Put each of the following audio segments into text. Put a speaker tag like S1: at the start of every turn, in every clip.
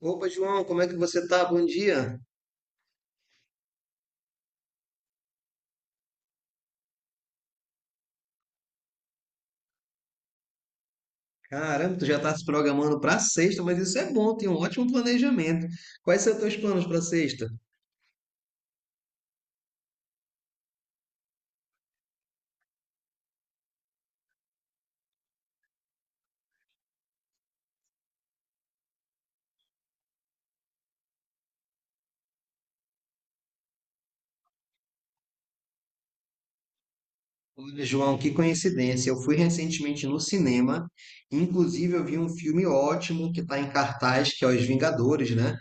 S1: Opa, João, como é que você tá? Bom dia. Caramba, tu já tá se programando para sexta, mas isso é bom, tem um ótimo planejamento. Quais são os teus planos para sexta? Olha, João, que coincidência. Eu fui recentemente no cinema, inclusive eu vi um filme ótimo que está em cartaz, que é Os Vingadores, né?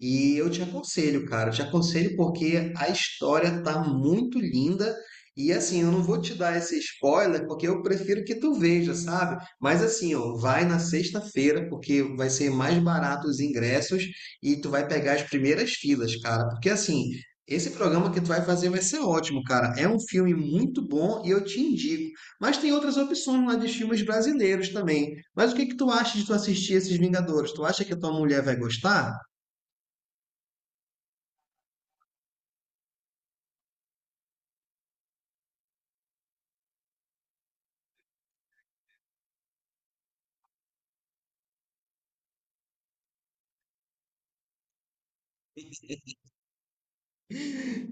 S1: E eu te aconselho, cara, eu te aconselho porque a história tá muito linda. E assim, eu não vou te dar esse spoiler porque eu prefiro que tu veja, sabe? Mas assim, ó, vai na sexta-feira porque vai ser mais barato os ingressos e tu vai pegar as primeiras filas, cara. Porque assim, esse programa que tu vai fazer vai ser ótimo, cara. É um filme muito bom e eu te indico. Mas tem outras opções lá de filmes brasileiros também. Mas o que que tu acha de tu assistir esses Vingadores? Tu acha que a tua mulher vai gostar?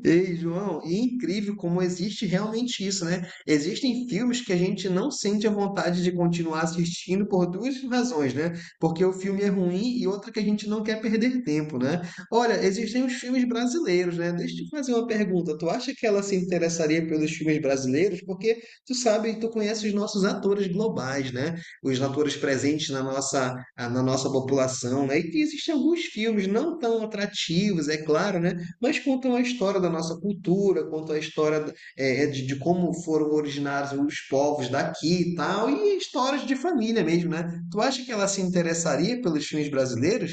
S1: Ei, João, e é incrível como existe realmente isso, né? Existem filmes que a gente não sente a vontade de continuar assistindo por duas razões, né? Porque o filme é ruim e outra que a gente não quer perder tempo, né? Olha, existem os filmes brasileiros, né? Deixa eu te fazer uma pergunta. Tu acha que ela se interessaria pelos filmes brasileiros? Porque tu sabe, tu conhece os nossos atores globais, né? Os atores presentes na nossa população, né? E que existem alguns filmes não tão atrativos, é claro, né? mas contam a história da nossa cultura, contam a história de como foram originados os povos daqui e tal, e histórias de família mesmo, né? Tu acha que ela se interessaria pelos filmes brasileiros?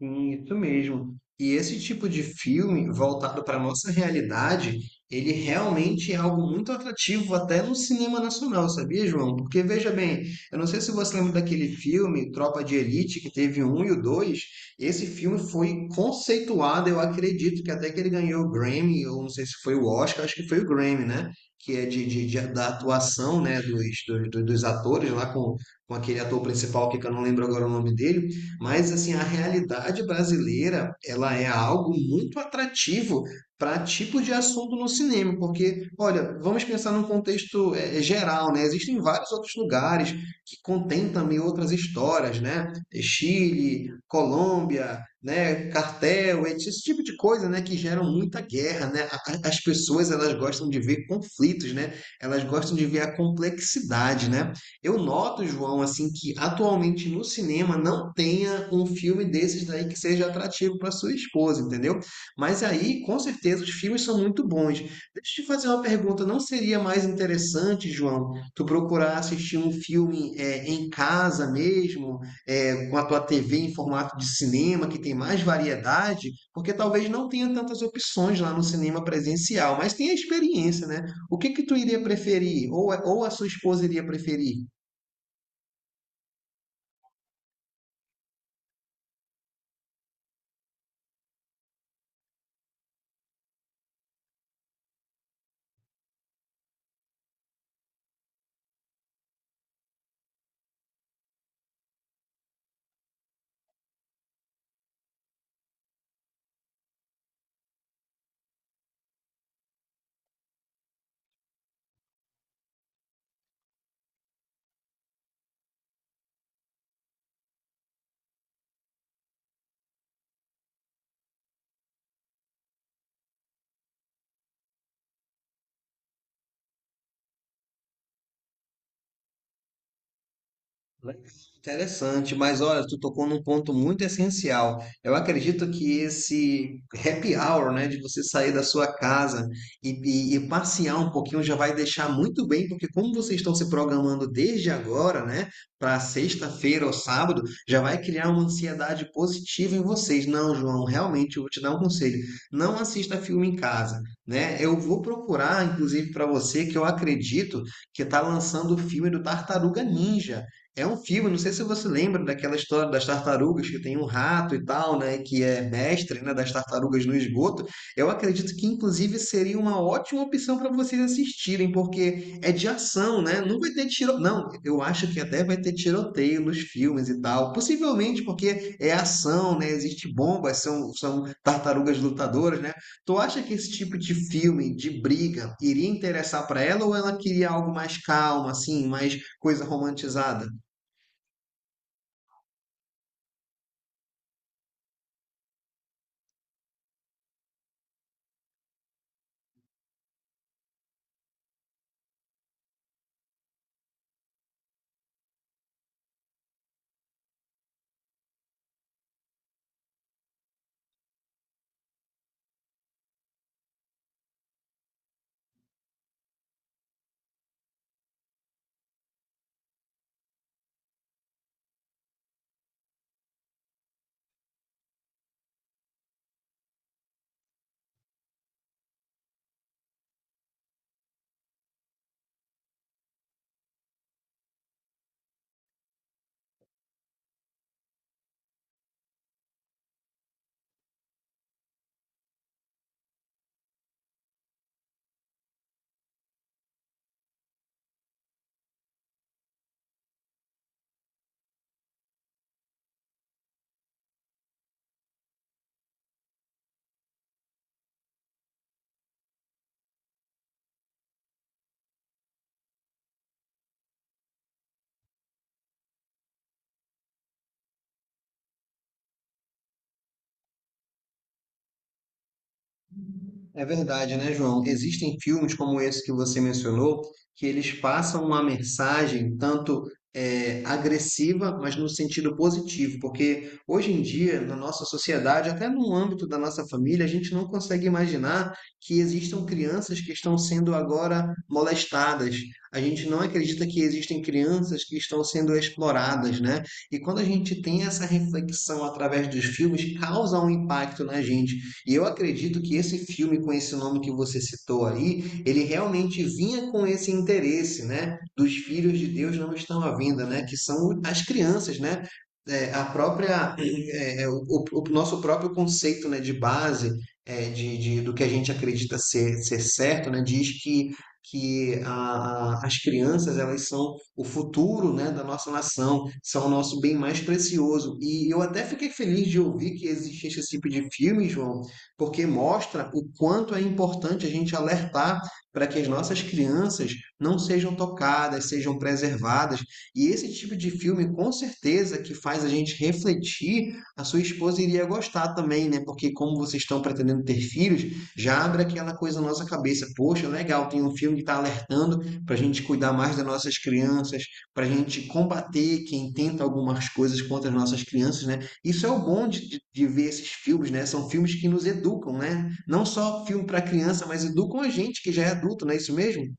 S1: Sim, isso mesmo. E esse tipo de filme voltado para a nossa realidade, ele realmente é algo muito atrativo até no cinema nacional, sabia, João? Porque veja bem, eu não sei se você lembra daquele filme Tropa de Elite, que teve o um e o dois. Esse filme foi conceituado, eu acredito que até que ele ganhou o Grammy, ou não sei se foi o Oscar, acho que foi o Grammy, né? Que é da atuação, né, dos, dos atores lá com aquele ator principal que eu não lembro agora o nome dele. Mas assim, a realidade brasileira, ela é algo muito atrativo para tipo de assunto no cinema, porque, olha, vamos pensar num contexto geral, né? Existem vários outros lugares que contêm também outras histórias, né? É Chile, Colômbia, né? Cartel, etc. esse tipo de coisa, né? Que geram muita guerra, né? As pessoas, elas gostam de ver conflitos, né? Elas gostam de ver a complexidade, né? Eu noto, João, assim, que atualmente no cinema não tenha um filme desses daí que seja atrativo para sua esposa, entendeu? Mas aí, com certeza, os filmes são muito bons. Deixa eu te fazer uma pergunta, não seria mais interessante, João, tu procurar assistir um filme em casa mesmo, com a tua TV em formato de cinema, que tem mais variedade? Porque talvez não tenha tantas opções lá no cinema presencial, mas tem a experiência, né? O que que tu iria preferir? Ou a sua esposa iria preferir? Interessante, mas olha, tu tocou num ponto muito essencial. Eu acredito que esse happy hour, né, de você sair da sua casa e passear um pouquinho já vai deixar muito bem, porque como vocês estão se programando desde agora, né, para sexta-feira ou sábado, já vai criar uma ansiedade positiva em vocês. Não, João, realmente eu vou te dar um conselho. Não assista filme em casa, né? Eu vou procurar, inclusive, para você, que eu acredito que está lançando o filme do Tartaruga Ninja. É um filme, não sei se você lembra daquela história das tartarugas, que tem um rato e tal, né, que é mestre, né, das tartarugas no esgoto. Eu acredito que, inclusive, seria uma ótima opção para vocês assistirem, porque é de ação, né? Não vai ter tiro... Não, eu acho que até vai ter tiroteio nos filmes e tal. Possivelmente porque é ação, né? Existe bombas, são, são tartarugas lutadoras, né? Tu acha que esse tipo de filme, de briga, iria interessar para ela ou ela queria algo mais calmo, assim, mais coisa romantizada? É verdade, né, João? Existem filmes como esse que você mencionou que eles passam uma mensagem tanto agressiva, mas no sentido positivo, porque hoje em dia, na nossa sociedade, até no âmbito da nossa família, a gente não consegue imaginar que existam crianças que estão sendo agora molestadas. A gente não acredita que existem crianças que estão sendo exploradas, né? E quando a gente tem essa reflexão através dos filmes, causa um impacto na gente e eu acredito que esse filme, com esse nome que você citou aí, ele realmente vinha com esse interesse, né? Dos filhos de Deus não estão à vinda, né? Que são as crianças, né? É, a própria, o, o nosso próprio conceito, né, de base, de, do que a gente acredita ser, ser certo, né? Diz que as crianças elas são o futuro, né, da nossa nação, são o nosso bem mais precioso. E eu até fiquei feliz de ouvir que existisse esse tipo de filme, João, porque mostra o quanto é importante a gente alertar para que as nossas crianças não sejam tocadas, sejam preservadas. E esse tipo de filme, com certeza, que faz a gente refletir, a sua esposa iria gostar também, né? Porque como vocês estão pretendendo ter filhos, já abre aquela coisa na nossa cabeça. Poxa, legal, tem um filme que está alertando para a gente cuidar mais das nossas crianças, para a gente combater quem tenta algumas coisas contra as nossas crianças, né? Isso é o bom de ver esses filmes, né? São filmes que nos educam, né? Não só filme para criança, mas educam a gente que já é adulto, não é isso mesmo?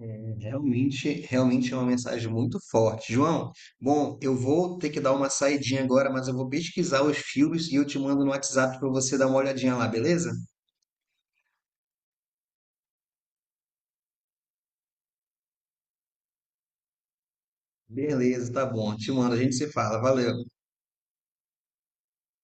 S1: É, realmente, realmente é uma mensagem muito forte. João, bom, eu vou ter que dar uma saidinha agora, mas eu vou pesquisar os filmes e eu te mando no WhatsApp para você dar uma olhadinha lá, beleza? Beleza, tá bom. Te mando, a gente se fala. Valeu.